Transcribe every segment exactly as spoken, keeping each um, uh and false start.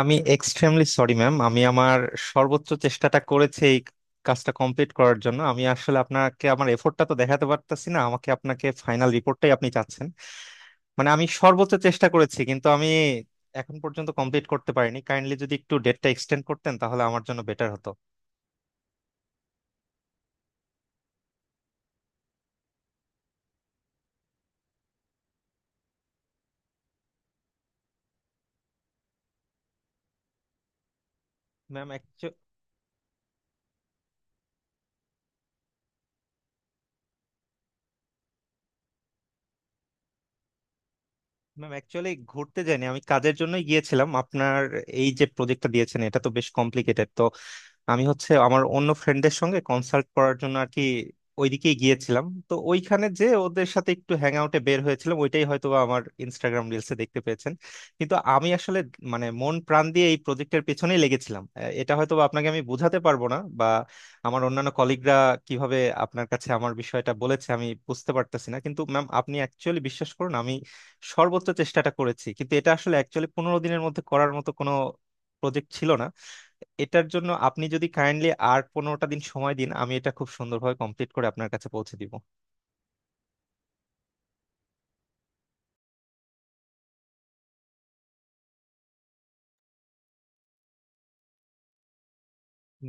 আমি extremely sorry ma'am. আমি আমার সর্বোচ্চ চেষ্টাটা করেছি এই কাজটা কমপ্লিট করার জন্য। আমি আসলে আপনাকে আমার এফোর্টটা তো দেখাতে পারতাছি না, আমাকে আপনাকে ফাইনাল রিপোর্টটাই আপনি চাচ্ছেন। মানে আমি সর্বোচ্চ চেষ্টা করেছি, কিন্তু আমি এখন পর্যন্ত কমপ্লিট করতে পারিনি। কাইন্ডলি যদি একটু ডেটটা এক্সটেন্ড করতেন, তাহলে আমার জন্য বেটার হতো। ম্যাম ম্যাম, অ্যাকচুয়ালি ঘুরতে যাইনি, আমি কাজের জন্যই গিয়েছিলাম। আপনার এই যে প্রজেক্টটা দিয়েছেন, এটা তো বেশ কমপ্লিকেটেড, তো আমি হচ্ছে আমার অন্য ফ্রেন্ডদের সঙ্গে কনসাল্ট করার জন্য আর কি ওইদিকেই গিয়েছিলাম। তো ওইখানে যে ওদের সাথে একটু হ্যাং আউটে বের হয়েছিলাম, ওইটাই হয়তো বা আমার ইনস্টাগ্রাম রিলসে দেখতে পেয়েছেন। কিন্তু আমি আসলে মানে মন প্রাণ দিয়ে এই প্রজেক্টের পেছনেই লেগেছিলাম। আহ, এটা হয়তো বা আপনাকে আমি বোঝাতে পারবো না, বা আমার অন্যান্য কলিগরা কিভাবে আপনার কাছে আমার বিষয়টা বলেছে আমি বুঝতে পারতেছি না। কিন্তু ম্যাম আপনি অ্যাকচুয়ালি বিশ্বাস করুন, আমি সর্বোচ্চ চেষ্টাটা করেছি। কিন্তু এটা আসলে অ্যাকচুয়ালি পনেরো দিনের মধ্যে করার মতো কোনো প্রজেক্ট ছিল না। এটার জন্য আপনি যদি কাইন্ডলি আর পনেরোটা দিন সময় দিন, আমি এটা খুব সুন্দরভাবে কমপ্লিট করে আপনার কাছে পৌঁছে দিব।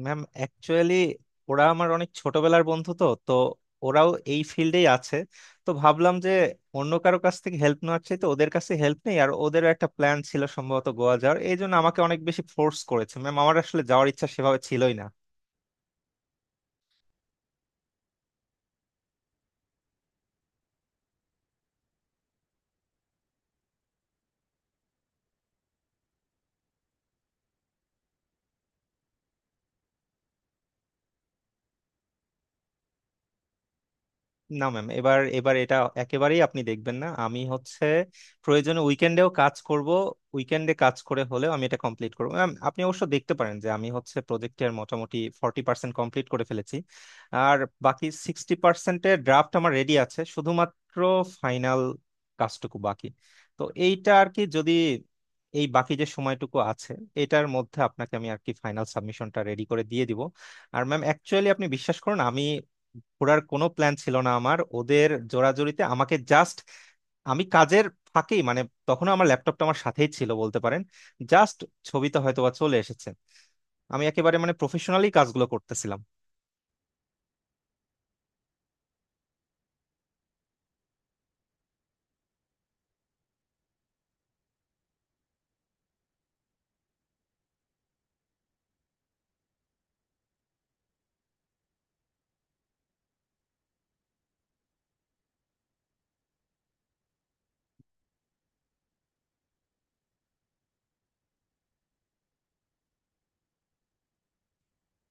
ম্যাম অ্যাকচুয়ালি ওরা আমার অনেক ছোটবেলার বন্ধু, তো তো ওরাও এই ফিল্ডেই আছে। তো ভাবলাম যে অন্য কারো কাছ থেকে হেল্প নেওয়ার চাইতে ওদের কাছে হেল্প নেই। আর ওদেরও একটা প্ল্যান ছিল সম্ভবত গোয়া যাওয়ার, এই জন্য আমাকে অনেক বেশি ফোর্স করেছে। ম্যাম, আমার আসলে যাওয়ার ইচ্ছা সেভাবে ছিলই না। না ম্যাম, এবার এবার এটা একেবারেই আপনি দেখবেন না। আমি হচ্ছে প্রয়োজনে উইকেন্ডেও কাজ করব, উইকেন্ডে কাজ করে হলেও আমি এটা কমপ্লিট করব। ম্যাম আপনি অবশ্য দেখতে পারেন যে আমি হচ্ছে প্রজেক্টের মোটামুটি ফর্টি পার্সেন্ট কমপ্লিট করে ফেলেছি। আর বাকি সিক্সটি পার্সেন্টের ড্রাফট আমার রেডি আছে, শুধুমাত্র ফাইনাল কাজটুকু বাকি। তো এইটা আর কি, যদি এই বাকি যে সময়টুকু আছে, এটার মধ্যে আপনাকে আমি আর কি ফাইনাল সাবমিশনটা রেডি করে দিয়ে দিব। আর ম্যাম অ্যাকচুয়ালি আপনি বিশ্বাস করুন, আমি ঘোরার কোনো প্ল্যান ছিল না আমার। ওদের জোরাজুরিতে আমাকে জাস্ট, আমি কাজের ফাঁকেই মানে তখনও আমার ল্যাপটপটা আমার সাথেই ছিল বলতে পারেন। জাস্ট ছবিটা হয়তো বা চলে এসেছে, আমি একেবারে মানে প্রফেশনালি কাজগুলো করতেছিলাম।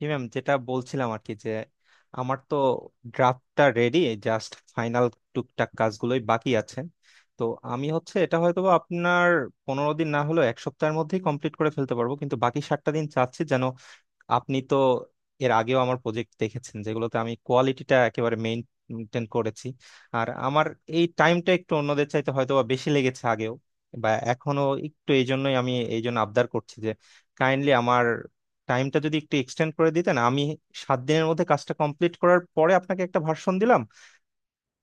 জি ম্যাম, যেটা বলছিলাম আর কি, যে আমার তো ড্রাফটটা রেডি, জাস্ট ফাইনাল টুকটাক কাজগুলোই বাকি আছে। তো আমি হচ্ছে এটা হয়তো বা আপনার পনেরো দিন না হলেও এক সপ্তাহের মধ্যেই কমপ্লিট করে ফেলতে পারবো। কিন্তু বাকি সাতটা দিন চাচ্ছি যেন, আপনি তো এর আগেও আমার প্রজেক্ট দেখেছেন যেগুলোতে আমি কোয়ালিটিটা একেবারে মেনটেন করেছি। আর আমার এই টাইমটা একটু অন্যদের চাইতে হয়তো বা বেশি লেগেছে আগেও বা এখনো একটু, এই জন্যই আমি এই জন্য আবদার করছি যে কাইন্ডলি আমার টাইমটা যদি একটু এক্সটেন্ড করে দিতেন, আমি সাত দিনের মধ্যে কাজটা কমপ্লিট করার পরে আপনাকে একটা ভার্সন দিলাম।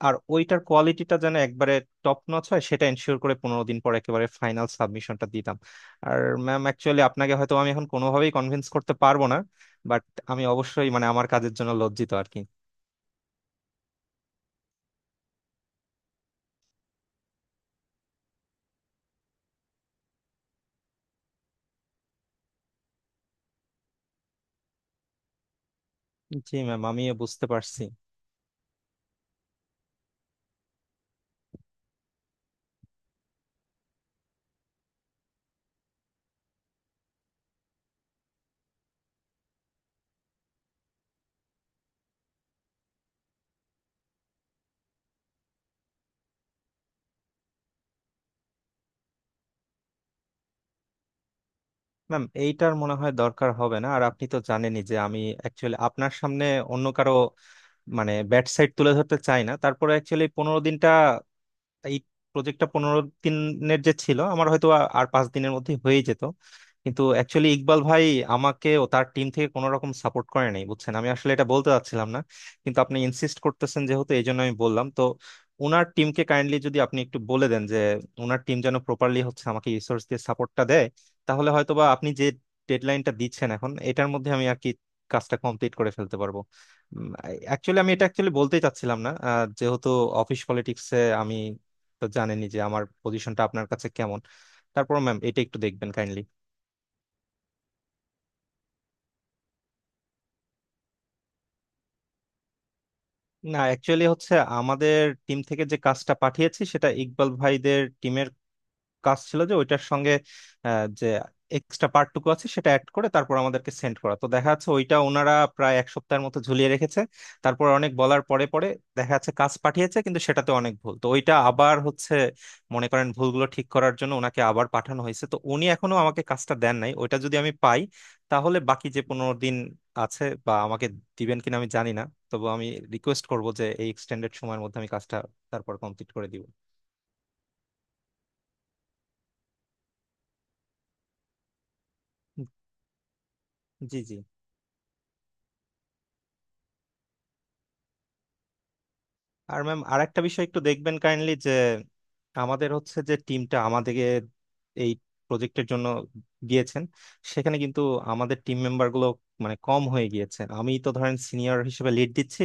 আর ওইটার কোয়ালিটিটা যেন একবারে টপ নচ হয় সেটা এনশিওর করে পনেরো দিন পর একেবারে ফাইনাল সাবমিশনটা দিতাম। আর ম্যাম অ্যাকচুয়ালি আপনাকে হয়তো আমি এখন কোনোভাবেই কনভিন্স করতে পারবো না, বাট আমি অবশ্যই মানে আমার কাজের জন্য লজ্জিত আর কি। জি ম্যাম, আমিও বুঝতে পারছি। ম্যাম এইটার মনে হয় দরকার হবে না। আর আপনি তো জানেনই যে আমি অ্যাকচুয়ালি আপনার সামনে অন্য কারো মানে ব্যাড সাইড তুলে ধরতে চাই না। তারপরে অ্যাকচুয়ালি পনেরো দিনটা, এই প্রজেক্টটা পনেরো দিনের যে ছিল, আমার হয়তো আ- আর পাঁচ দিনের মধ্যে হয়ে যেত। কিন্তু অ্যাকচুয়ালি ইকবাল ভাই আমাকে ও তার টিম থেকে কোনো রকম সাপোর্ট করে নাই বুঝছেন। আমি আসলে এটা বলতে চাচ্ছিলাম না, কিন্তু আপনি ইনসিস্ট করতেছেন যেহেতু, এই জন্য আমি বললাম। তো ওনার টিমকে কাইন্ডলি যদি আপনি একটু বলে দেন যে ওনার টিম যেন প্রপারলি হচ্ছে আমাকে রিসোর্স দিয়ে সাপোর্টটা দেয়, তাহলে হয়তোবা আপনি যে ডেডলাইনটা দিচ্ছেন এখন এটার মধ্যে আমি আর কি কাজটা কমপ্লিট করে ফেলতে পারবো। অ্যাকচুয়ালি আমি এটা অ্যাকচুয়ালি বলতেই চাচ্ছিলাম না আহ, যেহেতু অফিস পলিটিক্সে আমি তো জানেনই যে আমার পজিশনটা আপনার কাছে কেমন। তারপর ম্যাম এটা একটু দেখবেন কাইন্ডলি। না, অ্যাকচুয়ালি হচ্ছে আমাদের টিম থেকে যে কাজটা পাঠিয়েছি, সেটা ইকবাল ভাইদের টিমের কাজ ছিল যে ওইটার সঙ্গে আহ, যে এক্সট্রা পার্টটুকু আছে সেটা অ্যাড করে তারপর আমাদেরকে সেন্ড করা। তো দেখা যাচ্ছে ওইটা ওনারা প্রায় এক সপ্তাহের মতো ঝুলিয়ে রেখেছে। তারপর অনেক বলার পরে পরে দেখা যাচ্ছে কাজ পাঠিয়েছে, কিন্তু সেটাতে অনেক ভুল। তো ওইটা আবার হচ্ছে মনে করেন ভুলগুলো ঠিক করার জন্য ওনাকে আবার পাঠানো হয়েছে। তো উনি এখনো আমাকে কাজটা দেন নাই, ওইটা যদি আমি পাই তাহলে বাকি যে পনেরো দিন আছে বা আমাকে দিবেন কিনা আমি জানি না, তবু আমি রিকোয়েস্ট করব যে এই এক্সটেন্ডেড সময়ের মধ্যে আমি কাজটা তারপর কমপ্লিট করে দিব। জি জি। আর ম্যাম আর একটা বিষয় একটু দেখবেন কাইন্ডলি, যে আমাদের হচ্ছে যে টিমটা আমাদেরকে এই প্রজেক্টের জন্য দিয়েছেন, সেখানে কিন্তু আমাদের টিম মেম্বার গুলো মানে কম হয়ে গিয়েছে। আমি তো ধরেন সিনিয়র হিসেবে লিড দিচ্ছি,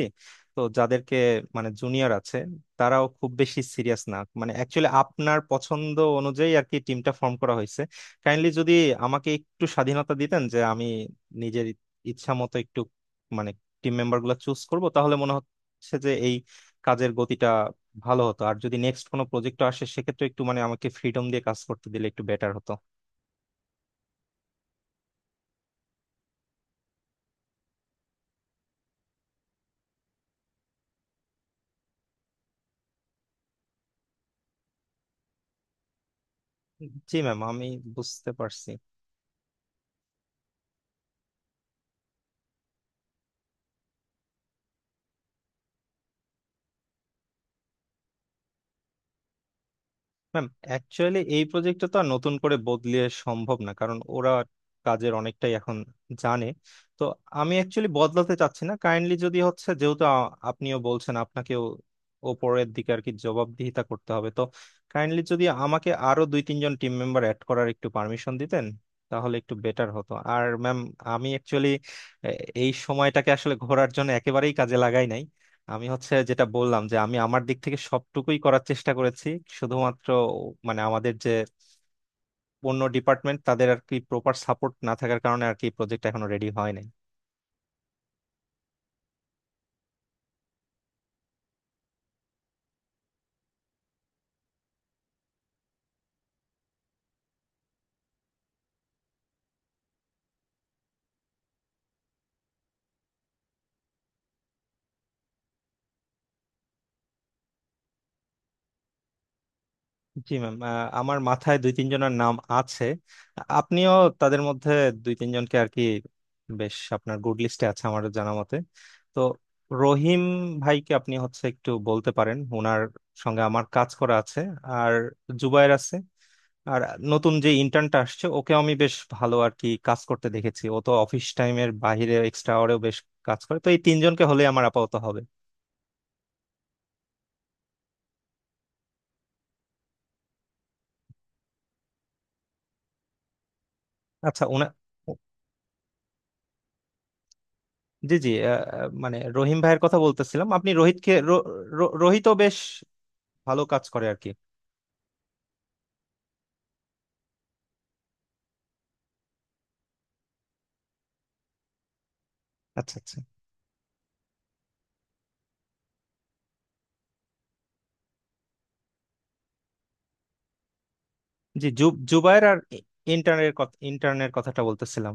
তো যাদেরকে মানে জুনিয়র আছে তারাও খুব বেশি সিরিয়াস না। মানে অ্যাকচুয়ালি আপনার পছন্দ অনুযায়ী আর কি টিমটা ফর্ম করা হয়েছে। কাইন্ডলি যদি আমাকে একটু স্বাধীনতা দিতেন যে আমি নিজের ইচ্ছা মতো একটু মানে টিম মেম্বার গুলো চুজ করবো, তাহলে মনে হয় হচ্ছে যে এই কাজের গতিটা ভালো হতো। আর যদি নেক্সট কোনো প্রজেক্ট আসে সেক্ষেত্রে একটু মানে আমাকে ফ্রিডম দিয়ে কাজ করতে দিলে একটু বেটার হতো। জি ম্যাম, আমি বুঝতে পারছি। ম্যাম অ্যাকচুয়ালি এই প্রজেক্টটা তো আর নতুন করে বদলিয়ে সম্ভব না, কারণ ওরা কাজের অনেকটাই এখন জানে। তো আমি অ্যাকচুয়ালি বদলাতে চাচ্ছি না। কাইন্ডলি যদি হচ্ছে যেহেতু আ- আপনিও বলছেন আপনাকেও ওপরের দিকে আর কি জবাবদিহিতা করতে হবে, তো কাইন্ডলি যদি আমাকে আরো দুই তিনজন টিম মেম্বার অ্যাড করার একটু পারমিশন দিতেন তাহলে একটু বেটার হতো। আর ম্যাম আমি অ্যাকচুয়ালি এই সময়টাকে আসলে ঘোরার জন্য একেবারেই কাজে লাগাই নাই। আমি হচ্ছে যেটা বললাম যে আমি আমার দিক থেকে সবটুকুই করার চেষ্টা করেছি। শুধুমাত্র মানে আমাদের যে অন্য ডিপার্টমেন্ট তাদের আর কি প্রপার সাপোর্ট না থাকার কারণে আর কি প্রজেক্ট এখনো রেডি হয় নাই। জি ম্যাম, আমার মাথায় দুই তিনজনের নাম আছে। আপনিও তাদের মধ্যে দুই তিনজনকে আর কি বেশ আপনার গুড লিস্টে আছে আমার জানা মতে। তো রহিম ভাইকে আপনি হচ্ছে একটু বলতে পারেন, ওনার সঙ্গে আমার কাজ করা আছে। আর জুবায়ের আছে। আর নতুন যে ইন্টার্নটা আসছে ওকে আমি বেশ ভালো আর কি কাজ করতে দেখেছি। ও তো অফিস টাইমের বাইরে এক্সট্রা আওয়ারেও বেশ কাজ করে। তো এই তিনজনকে হলে আমার আপাতত হবে। আচ্ছা উনা, জি জি, আহ, আহ, মানে রহিম ভাইয়ের কথা বলতেছিলাম, আপনি রোহিতকে রো- রো- রোহিতও বেশ ভালো কাজ করে আর কি। আচ্ছা আচ্ছা। জি জু- জুবায়ের আর ইন্টার্নের কথা ইন্টার্নের কথাটা বলতেছিলাম।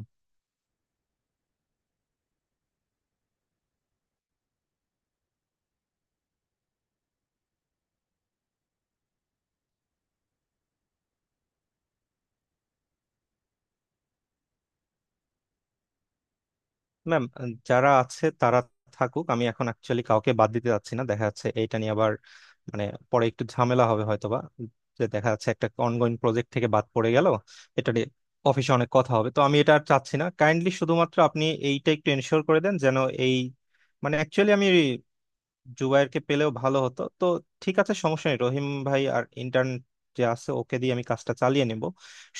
ম্যাম যারা আছে তারা থাকুক, আমি এখন অ্যাকচুয়ালি কাউকে বাদ দিতে যাচ্ছি না। দেখা যাচ্ছে এইটা নিয়ে আবার মানে পরে একটু ঝামেলা হবে হয়তোবা, যে দেখা যাচ্ছে একটা অনগোয়িং প্রজেক্ট থেকে বাদ পড়ে গেল, এটা নিয়ে অফিসে অনেক কথা হবে। তো আমি এটা আর চাচ্ছি না। কাইন্ডলি শুধুমাত্র আপনি এইটা একটু এনশিওর করে দেন যেন এই মানে অ্যাকচুয়ালি আমি জুবায়েরকে পেলেও ভালো হতো। তো ঠিক আছে, সমস্যা নেই, রহিম ভাই আর ইন্টার্ন যে আছে ওকে দিয়ে আমি কাজটা চালিয়ে নিব।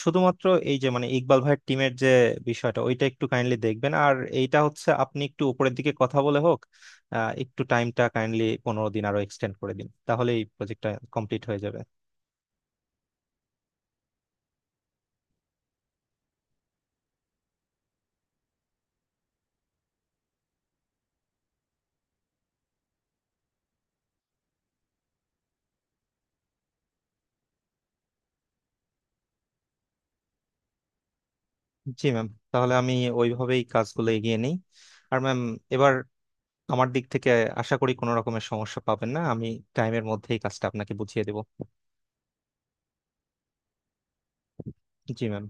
শুধুমাত্র এই যে মানে ইকবাল ভাইয়ের টিমের যে বিষয়টা, ওইটা একটু কাইন্ডলি দেখবেন। আর এইটা হচ্ছে আপনি একটু উপরের দিকে কথা বলে হোক আহ, একটু টাইমটা কাইন্ডলি পনেরো দিন আরো এক্সটেন্ড করে দিন, তাহলে এই প্রজেক্টটা কমপ্লিট হয়ে যাবে। জি ম্যাম, তাহলে আমি ওইভাবেই কাজগুলো এগিয়ে নিই। আর ম্যাম এবার আমার দিক থেকে আশা করি কোনো রকমের সমস্যা পাবেন না, আমি টাইমের মধ্যেই কাজটা আপনাকে বুঝিয়ে দেবো। জি ম্যাম।